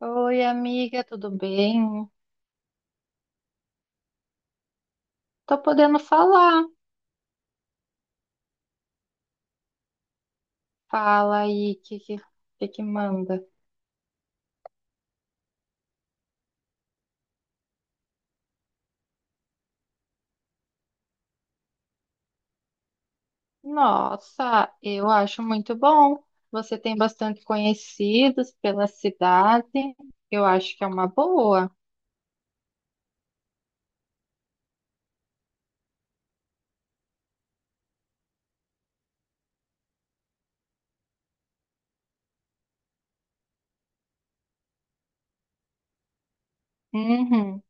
Oi, amiga, tudo bem? Tô podendo falar. Fala aí, o que que manda? Nossa, eu acho muito bom. Você tem bastante conhecidos pela cidade. Eu acho que é uma boa. Uhum.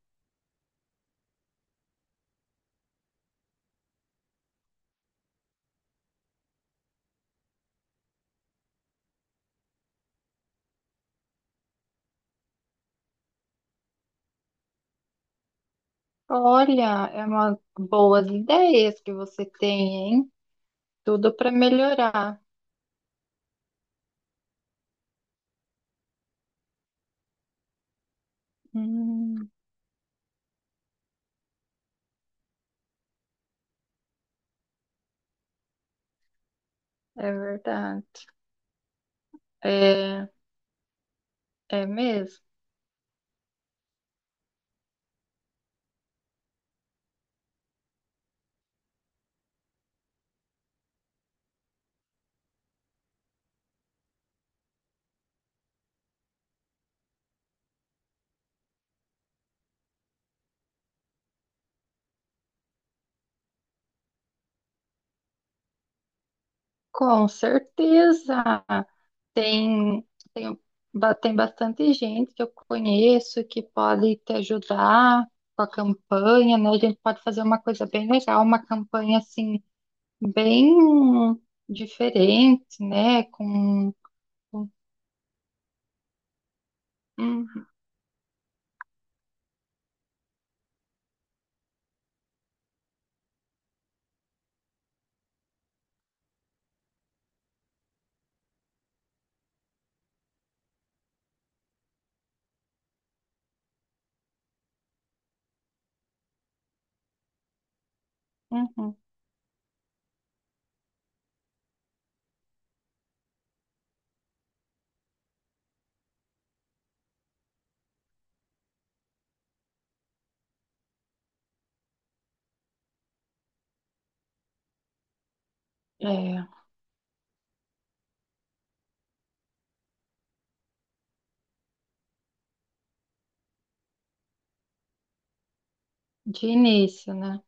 Olha, é uma boas ideias que você tem, hein? Tudo para melhorar. Hum, é verdade. É, é mesmo. Com certeza. Tem, tem, tem bastante gente que eu conheço que pode te ajudar com a campanha, né? A gente pode fazer uma coisa bem legal, uma campanha assim, bem diferente, né? Com- Uhum, uhum. É, de início, né?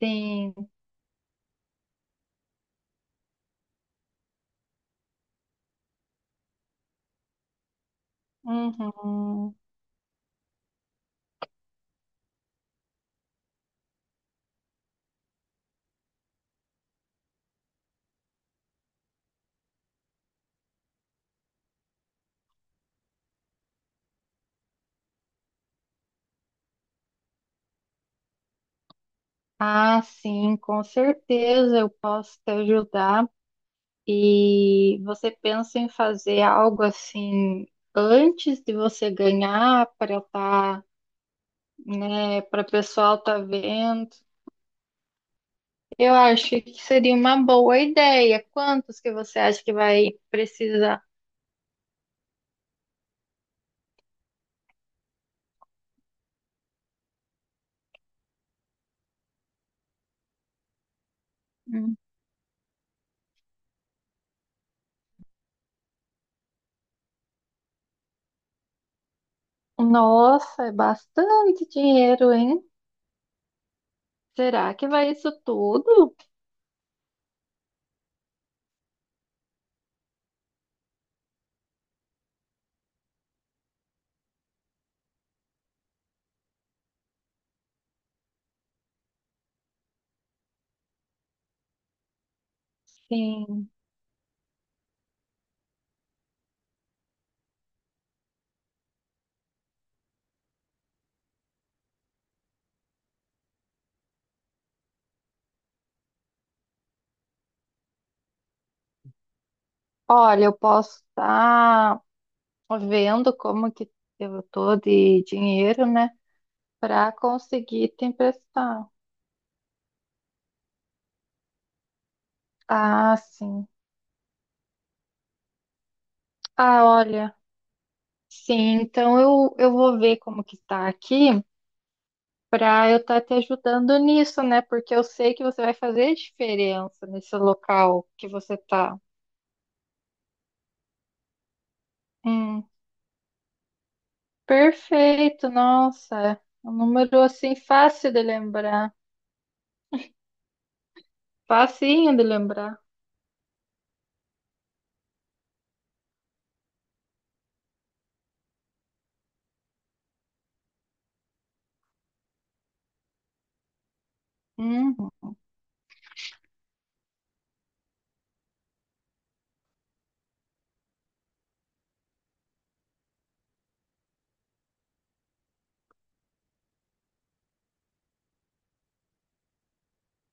Sim. Uhum. Ah, sim, com certeza eu posso te ajudar. E você pensa em fazer algo assim antes de você ganhar para estar, né, para o pessoal tá vendo? Eu acho que seria uma boa ideia. Quantos que você acha que vai precisar? Hum. Nossa, é bastante dinheiro, hein? Será que vai isso tudo? Sim. Olha, eu posso estar vendo como que eu tô de dinheiro, né, para conseguir te emprestar. Ah, sim. Ah, olha. Sim, então eu vou ver como que está aqui para eu estar te ajudando nisso, né? Porque eu sei que você vai fazer diferença nesse local que você tá. Hum, perfeito, nossa. É um número assim fácil de lembrar. Facinho de lembrar. Hum,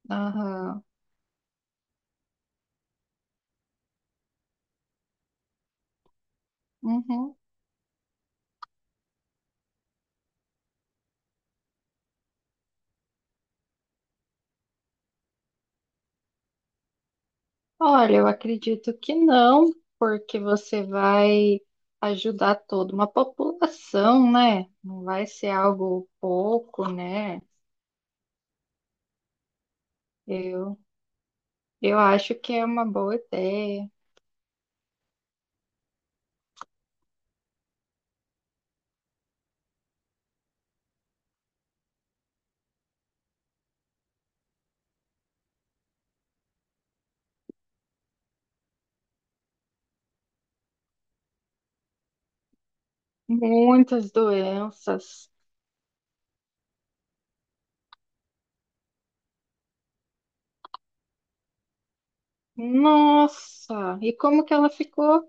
aham. Uhum. Olha, eu acredito que não, porque você vai ajudar toda uma população, né? Não vai ser algo pouco, né? Eu, eu acho que é uma boa ideia. Muitas doenças. Nossa, e como que ela ficou?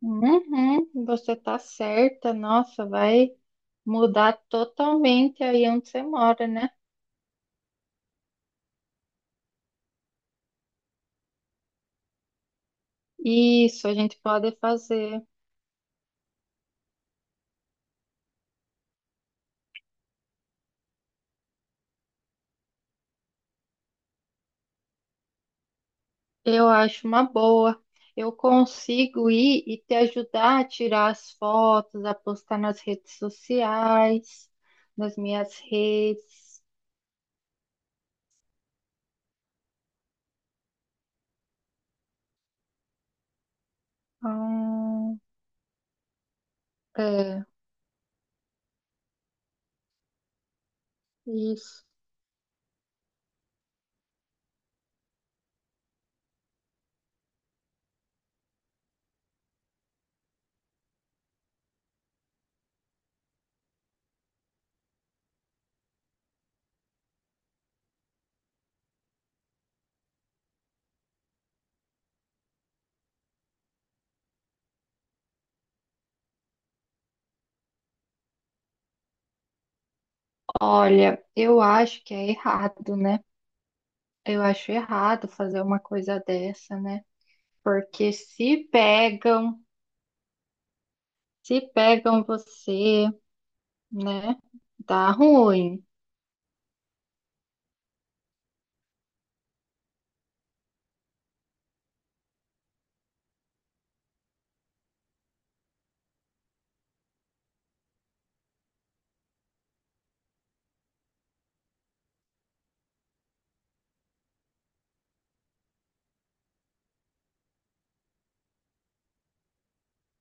Uhum, você tá certa, nossa, vai mudar totalmente aí onde você mora, né? Isso, a gente pode fazer. Eu acho uma boa. Eu consigo ir e te ajudar a tirar as fotos, a postar nas redes sociais, nas minhas redes. Hum, é, isso. Olha, eu acho que é errado, né? Eu acho errado fazer uma coisa dessa, né? Porque se pegam, se pegam você, né? Dá ruim.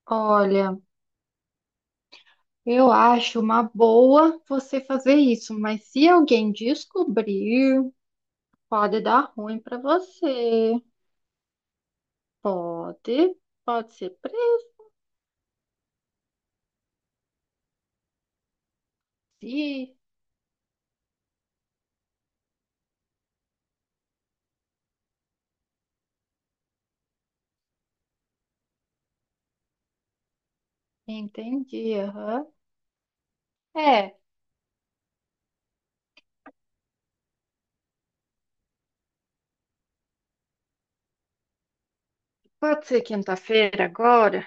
Olha. Eu acho uma boa você fazer isso, mas se alguém descobrir, pode dar ruim para você. Pode, pode ser preso. Ih. Entendi, aham. É, pode ser quinta-feira agora,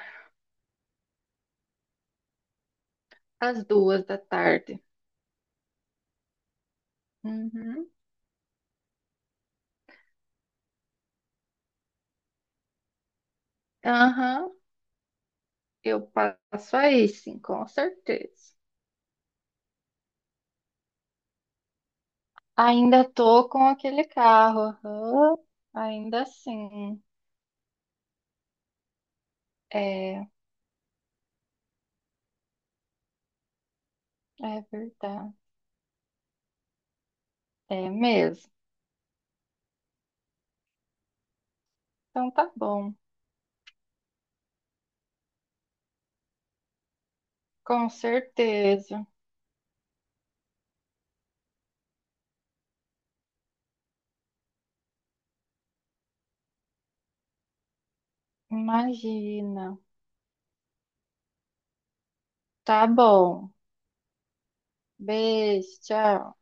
às duas da tarde. Uhum. Aham, eu passo aí, sim, com certeza. Ainda tô com aquele carro, aham. Ainda assim. É, é verdade. É mesmo. Então tá bom. Com certeza. Imagina. Tá bom. Beijo, tchau.